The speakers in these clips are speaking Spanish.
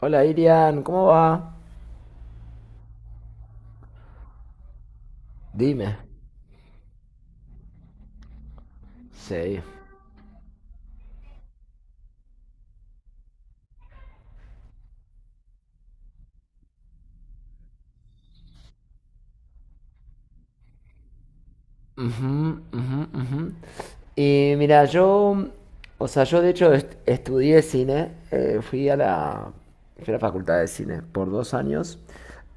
Hola Irian, ¿cómo va? Dime. Sí. Ujú, ujú, ujú. Y mira, yo, o sea, yo de hecho estudié cine, fui a la facultad de cine por 2 años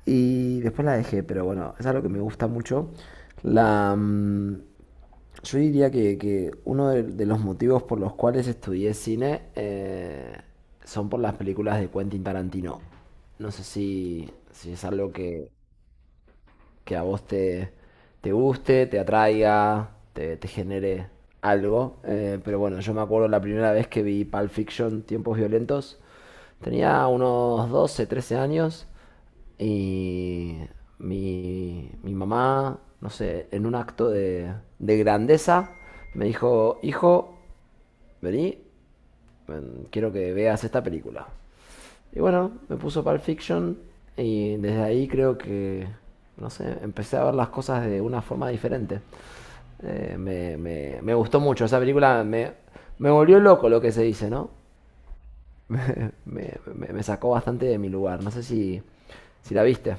y después la dejé, pero bueno, es algo que me gusta mucho. La, mm, yo diría que uno de los motivos por los cuales estudié cine, son por las películas de Quentin Tarantino. No sé si es algo que, que a vos te, te guste, te atraiga, te genere algo. Pero bueno, yo me acuerdo la primera vez que vi Pulp Fiction, Tiempos Violentos, tenía unos 12 13 años y mi mamá, no sé, en un acto de grandeza, me dijo, hijo, vení, quiero que veas esta película. Y bueno, me puso Pulp Fiction y desde ahí creo que, no sé, empecé a ver las cosas de una forma diferente. Me gustó mucho, esa película me volvió loco lo que se dice, ¿no? Me sacó bastante de mi lugar, no sé si la viste.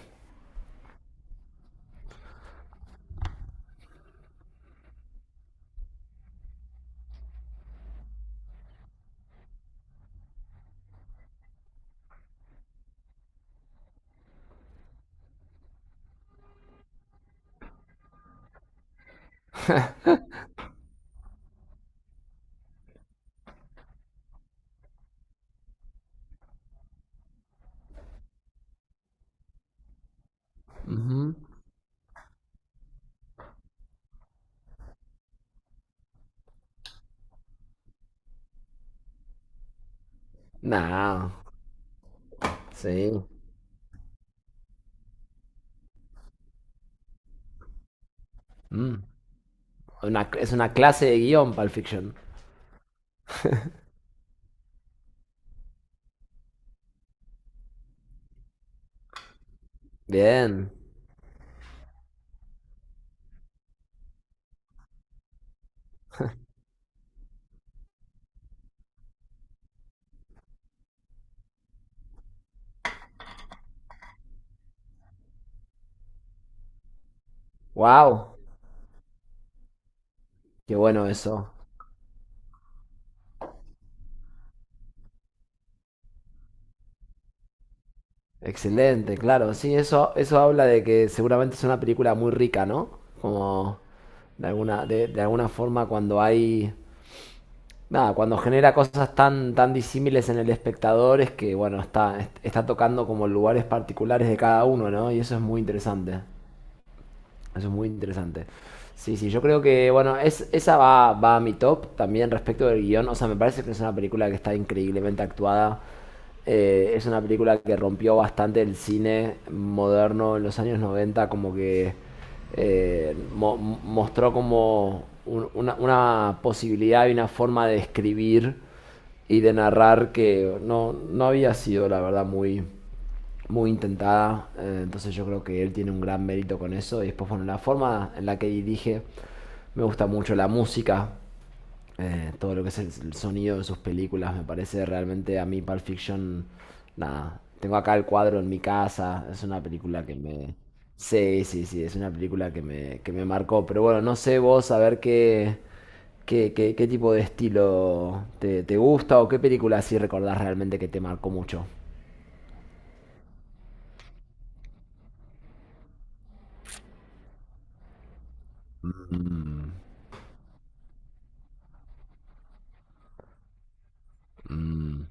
Ujú. Nah, sí. Mm. Una- es una clase de guión, Pulp Fiction. Bien. Wow. Qué bueno eso. Excelente, claro, sí, eso habla de que seguramente es una película muy rica, ¿no? Como de alguna, de alguna forma cuando hay, nada, cuando genera cosas tan, tan disímiles en el espectador es que, bueno, está, está tocando como lugares particulares de cada uno, ¿no? Y eso es muy interesante. Eso es muy interesante. Sí, sí, yo creo que, bueno, esa va a mi top también respecto del guión. O sea, me parece que es una película que está increíblemente actuada. Es una película que rompió bastante el cine moderno en los años 90 como que mostró como una posibilidad y una forma de escribir y de narrar que no había sido, la verdad, muy muy intentada. Entonces yo creo que él tiene un gran mérito con eso. Y después, bueno, la forma en la que dirige, me gusta mucho la música, todo lo que es el sonido de sus películas, me parece realmente a mí Pulp Fiction, nada. Tengo acá el cuadro en mi casa, es una película que me... Sí, sí, sí, es una película que me marcó. Pero bueno, no sé vos, a ver qué, qué tipo de estilo te, te gusta o qué película así recordás realmente que te marcó mucho. Mm. Mm,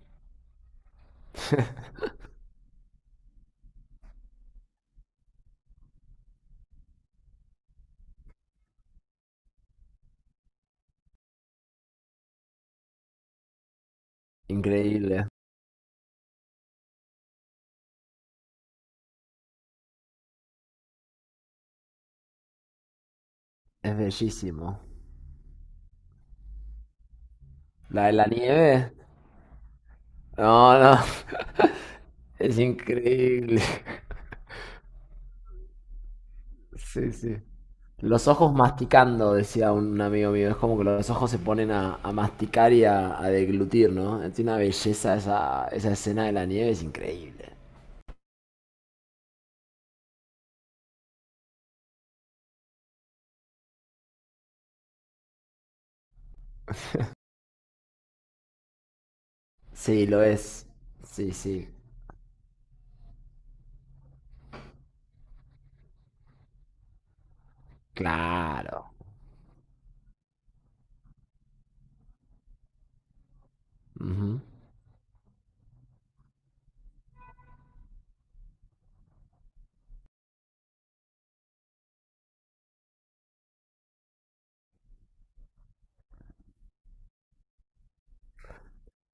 increíble. Es bellísimo. ¿La de la nieve? No, no. Es increíble. Sí, sí. Los ojos masticando, decía un amigo mío. Es como que los ojos se ponen a masticar y a deglutir, ¿no? Tiene una belleza esa escena de la nieve, es increíble. Sí, lo es. Sí, sí. Claro. Ujú.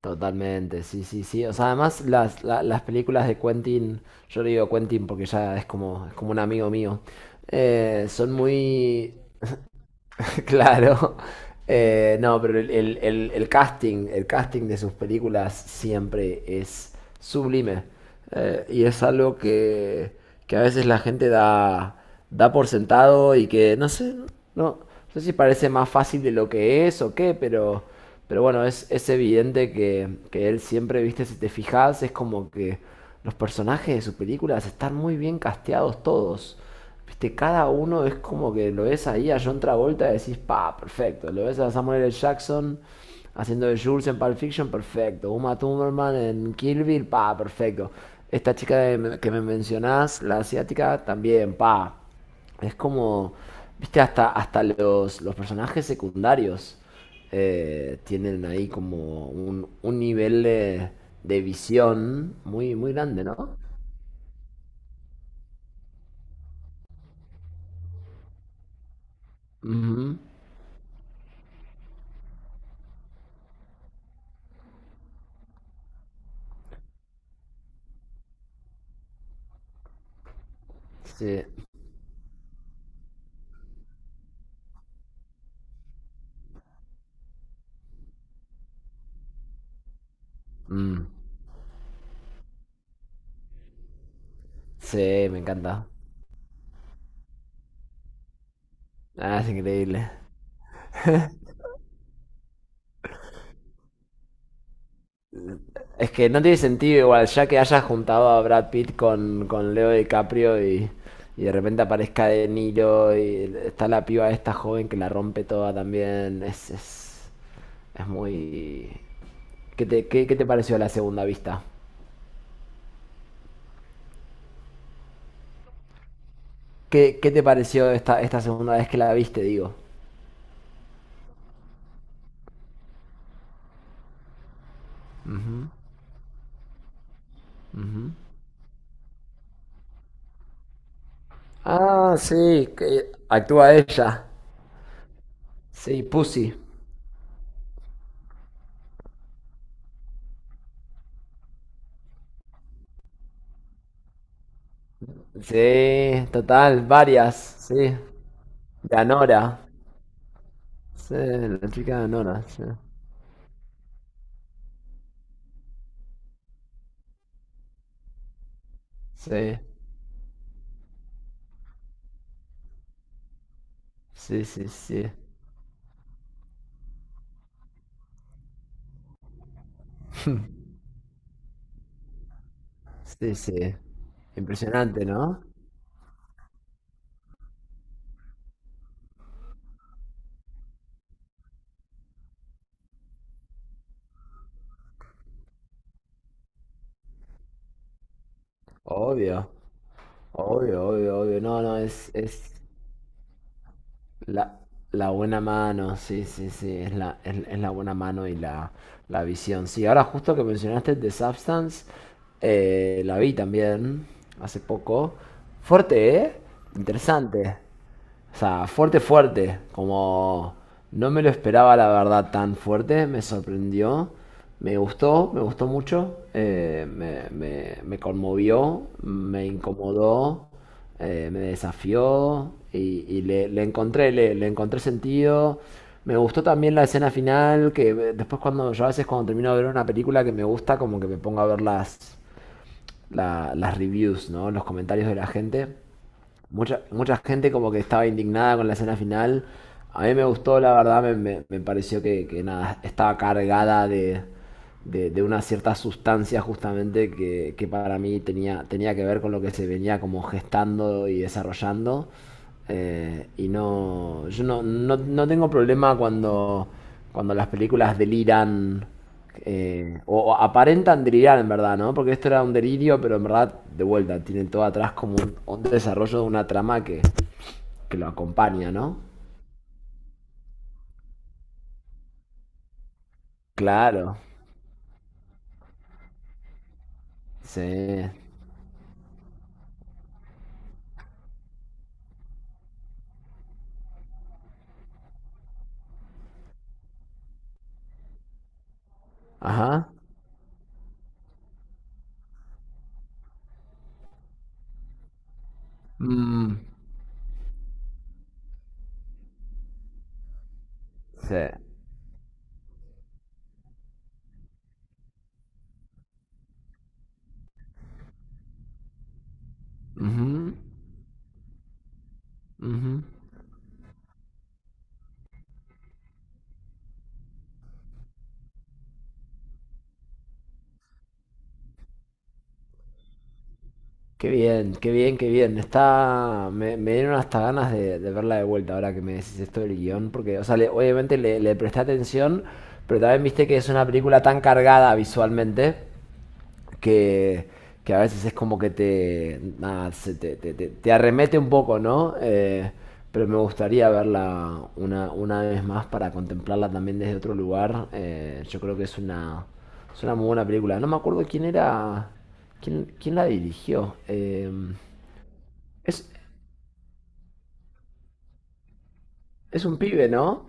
Totalmente, sí, sí, sí. O sea, además las películas de Quentin, yo le digo Quentin porque ya es como un amigo mío, son muy, claro. No, pero el casting de sus películas siempre es sublime. Y es algo que a veces la gente da, da por sentado y que no sé, no sé si parece más fácil de lo que es o qué, pero bueno, es evidente que él siempre, viste, si te fijas, es como que los personajes de sus películas están muy bien casteados todos. Viste, cada uno es como que lo ves ahí a John Travolta y decís, pa, perfecto. Lo ves a Samuel L. Jackson haciendo de Jules en Pulp Fiction, perfecto. Uma Thurman en Kill Bill, pa, perfecto. Esta que me mencionás, la asiática, también, pa. Es como, viste, hasta, los personajes secundarios tienen ahí como un nivel de visión muy, muy grande, ¿no? Ujú, sí. Mm. Sí, me encanta. Ah, es increíble. Es que no tiene sentido igual, ya que hayas juntado a Brad Pitt con Leo DiCaprio y de repente aparezca De Niro y está la piba esta joven que la rompe toda también. Es muy... ¿Qué te, qué te pareció la segunda vista? ¿Qué, qué te pareció esta segunda vez que la viste, digo? Ah, sí, que actúa ella. Sí, Pussy. Sí, total, varias, sí. De Anora. Sí, la chica de Nora, sí. Sí, sí, sí, sí. Sí, sí. Impresionante, ¿no? Obvio, obvio, obvio, obvio. No, no, es, La, la buena mano, sí, sí, sí, es la, es la buena mano y la visión. Sí, ahora justo que mencionaste The Substance, la vi también hace poco. Fuerte, ¿eh? Interesante. O sea, fuerte, fuerte. Como no me lo esperaba, la verdad, tan fuerte. Me sorprendió. Me gustó mucho. Me conmovió, me incomodó me desafió y, le encontré, le encontré sentido. Me gustó también la escena final, que después cuando yo a veces cuando termino de ver una película que me gusta, como que me pongo a ver las reviews, ¿no? Los comentarios de la gente. Mucha, mucha gente como que estaba indignada con la escena final. A mí me gustó, la verdad, me pareció que nada, estaba cargada de, de una cierta sustancia justamente que para mí tenía que ver con lo que se venía como gestando y desarrollando. Y no, no tengo problema cuando, cuando las películas deliran o aparentan delirar en verdad, ¿no? Porque esto era un delirio, pero en verdad, de vuelta, tienen todo atrás como un desarrollo de una trama que lo acompaña, ¿no? Claro, sí. Ajá. Mm, sí. Ujú, ujú. Qué bien, qué bien, qué bien. Está... Me dieron hasta ganas de verla de vuelta ahora que me decís esto del guión, porque, o sea, obviamente le, le presté atención, pero también viste que es una película tan cargada visualmente que, que a veces es como que te, nada, se te, te arremete un poco, ¿no? Pero me gustaría verla una vez más para contemplarla también desde otro lugar. Yo creo que es una muy buena película. No me acuerdo quién era, quién, quién la dirigió. Es, es un pibe, ¿no?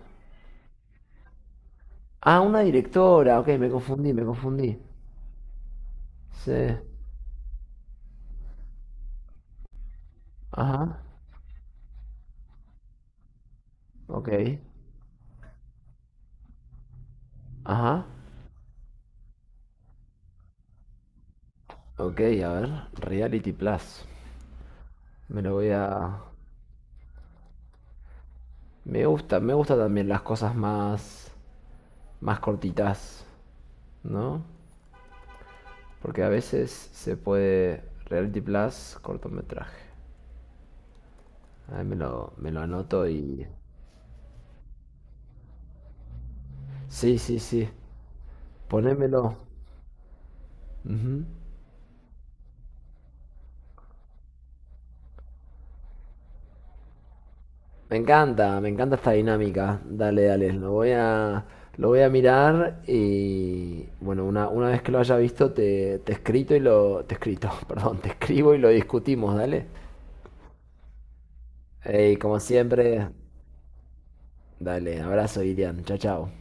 Ah, una directora. Ok, me confundí, me confundí. Sí. Ajá. Ok. Ajá. Ok, a ver. Reality Plus. Me lo voy a... me gusta también las cosas más, más cortitas, ¿no? Porque a veces se puede Reality Plus, cortometraje. Ahí me lo anoto y... Sí, sí, sí. Ponémelo. Ujú. Me encanta esta dinámica. Dale, dale. Lo voy a mirar y... Bueno, una vez que lo haya visto, te escrito y lo... Te escrito, perdón, te escribo y lo discutimos, dale. Ey, como siempre, dale, abrazo, Ilian, chao, chao.